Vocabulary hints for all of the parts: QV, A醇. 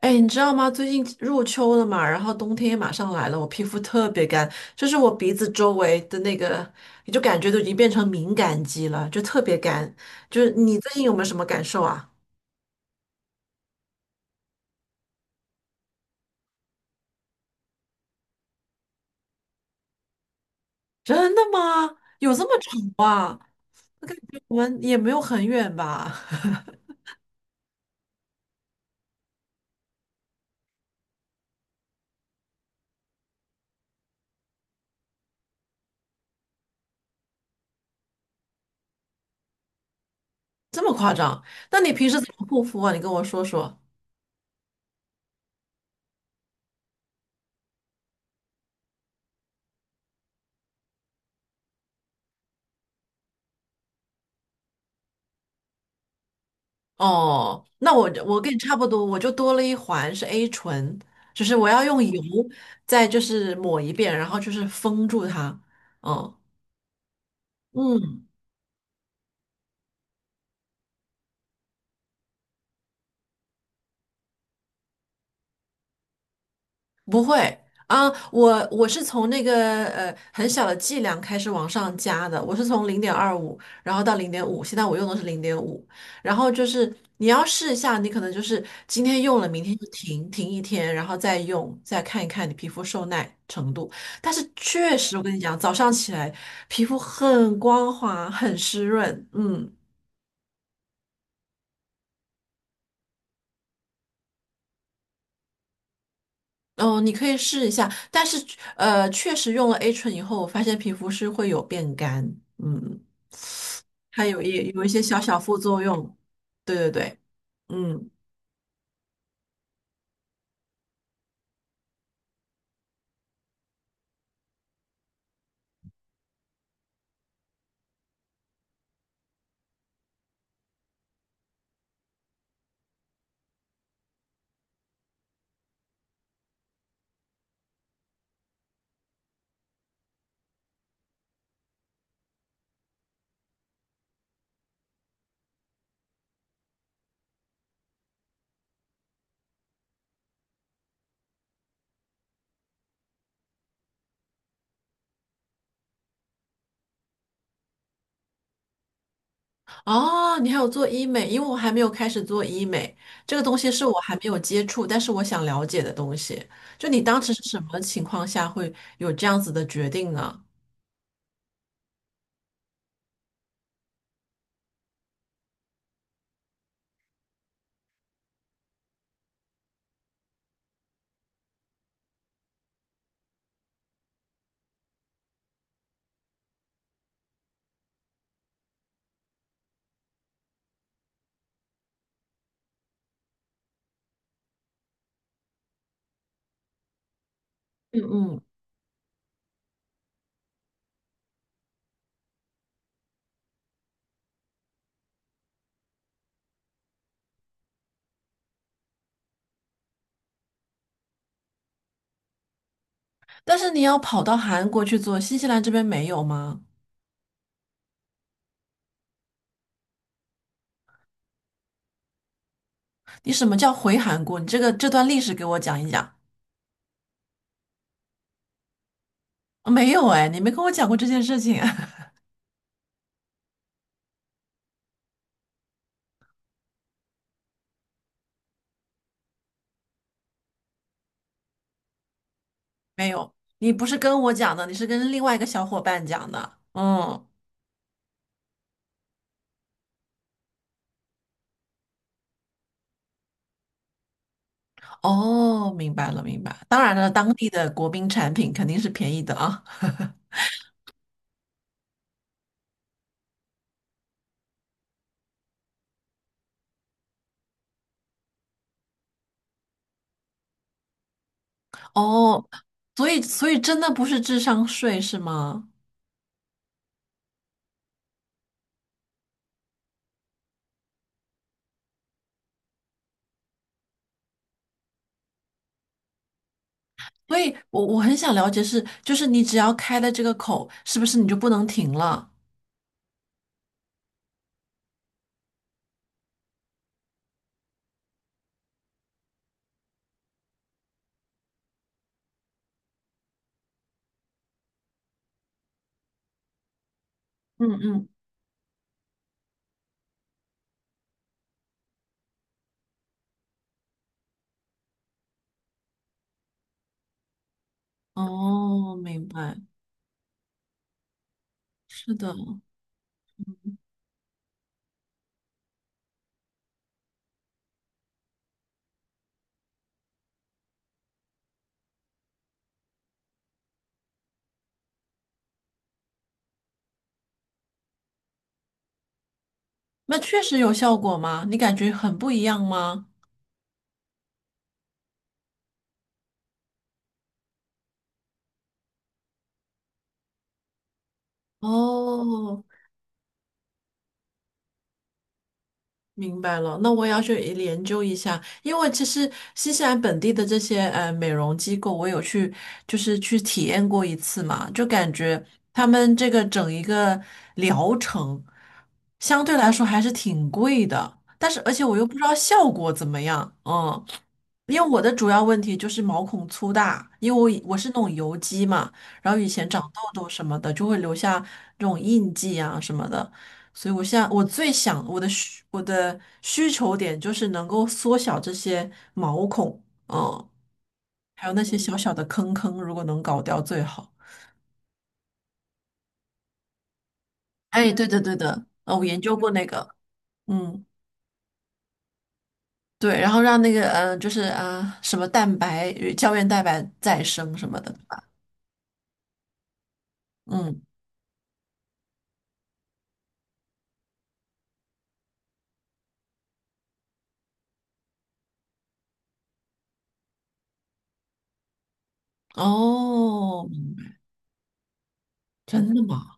哎，你知道吗？最近入秋了嘛，然后冬天也马上来了，我皮肤特别干，就是我鼻子周围的那个，你就感觉都已经变成敏感肌了，就特别干。就是你最近有没有什么感受啊？真的吗？有这么丑啊？我们也没有很远吧？这么夸张？那你平时怎么护肤啊？你跟我说说。哦，那我跟你差不多，我就多了一环是 A 醇，就是我要用油再就是抹一遍，然后就是封住它。哦，嗯，不会啊，我是从那个很小的剂量开始往上加的，我是从零点二五，然后到零点五，现在我用的是零点五，然后就是你要试一下，你可能就是今天用了，明天就停一天，然后再用，再看一看你皮肤受耐程度。但是确实，我跟你讲，早上起来皮肤很光滑，很湿润，嗯。哦，你可以试一下，但是，确实用了 A 醇以后，我发现皮肤是会有变干，嗯。它有一些小小副作用。对对对，嗯，哦，你还有做医美，因为我还没有开始做医美，这个东西是我还没有接触，但是我想了解的东西。就你当时是什么情况下会有这样子的决定呢？嗯嗯，但是你要跑到韩国去做，新西兰这边没有吗？你什么叫回韩国？你这个这段历史给我讲一讲。啊没有哎，你没跟我讲过这件事情，没有，你不是跟我讲的，你是跟另外一个小伙伴讲的。嗯，哦，明白了，明白。当然了，当地的国宾产品肯定是便宜的啊。哦，所以所以真的不是智商税是吗？所以我很想了解是，就是你只要开了这个口，是不是你就不能停了？嗯嗯。哦，明白。是的，那确实有效果吗？你感觉很不一样吗？哦，明白了，那我也要去研究一下，因为其实新西兰本地的这些美容机构，我有去就是去体验过一次嘛，就感觉他们这个整一个疗程相对来说还是挺贵的，但是而且我又不知道效果怎么样，嗯，因为我的主要问题就是毛孔粗大，因为我是那种油肌嘛，然后以前长痘痘什么的就会留下这种印记啊什么的。所以我现在我最想我的需求点就是能够缩小这些毛孔，嗯，还有那些小小的坑坑，如果能搞掉最好。哎，对的对的，我研究过那个，嗯，对，然后让那个就是什么蛋白与胶原蛋白再生什么的，对吧？嗯，哦，真的吗？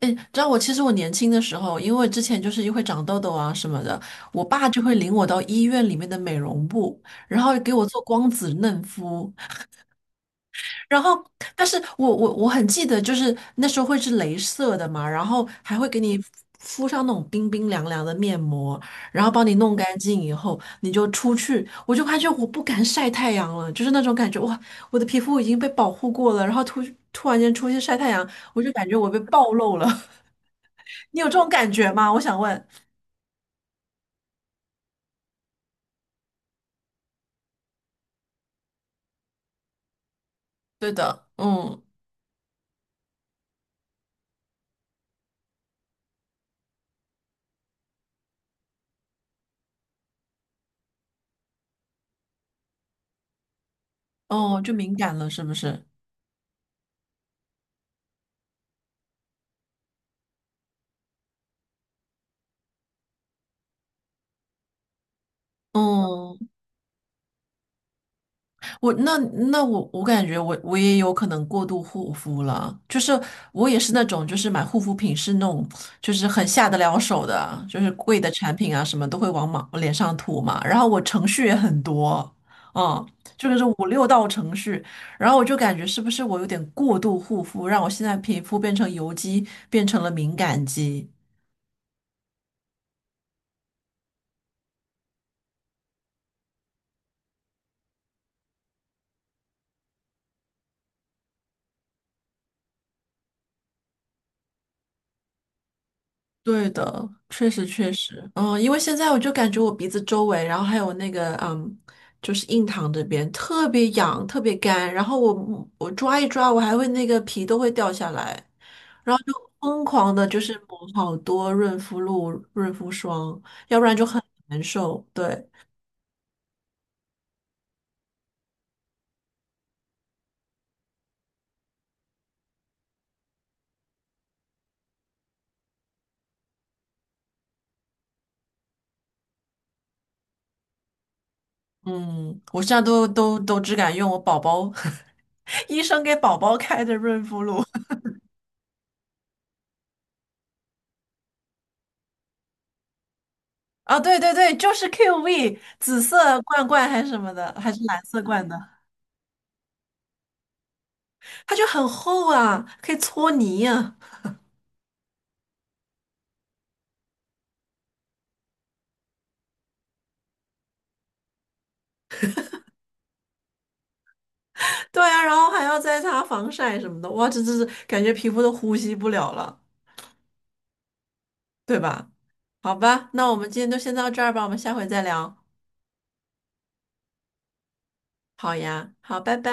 哎，知道我其实我年轻的时候，因为之前就是又会长痘痘啊什么的，我爸就会领我到医院里面的美容部，然后给我做光子嫩肤，然后但是我我很记得，就是那时候会是镭射的嘛，然后还会给你敷上那种冰冰凉凉的面膜，然后帮你弄干净以后，你就出去，我就发现我不敢晒太阳了，就是那种感觉，哇，我的皮肤已经被保护过了，然后突然间出去晒太阳，我就感觉我被暴露了。你有这种感觉吗？我想问。对的，嗯。哦，就敏感了是不是？嗯，我那那我感觉我也有可能过度护肤了，就是我也是那种就是买护肤品是那种就是很下得了手的，就是贵的产品啊什么都会往嘛脸上涂嘛，然后我程序也很多，嗯，就是五六道程序，然后我就感觉是不是我有点过度护肤，让我现在皮肤变成油肌，变成了敏感肌。对的，确实确实，嗯，因为现在我就感觉我鼻子周围，然后还有那个，嗯，就是印堂这边特别痒，特别干，然后我抓一抓，我还会那个皮都会掉下来，然后就疯狂的就是抹好多润肤露、润肤霜，要不然就很难受。对，嗯，我现在都都只敢用我宝宝 医生给宝宝开的润肤露 啊，对对对，就是 QV 紫色罐罐还是什么的，还是蓝色罐的。它就很厚啊，可以搓泥呀。对啊，然后还要再擦防晒什么的，哇，这是感觉皮肤都呼吸不了了，对吧？好吧，那我们今天就先到这儿吧，我们下回再聊。好呀，好，拜拜。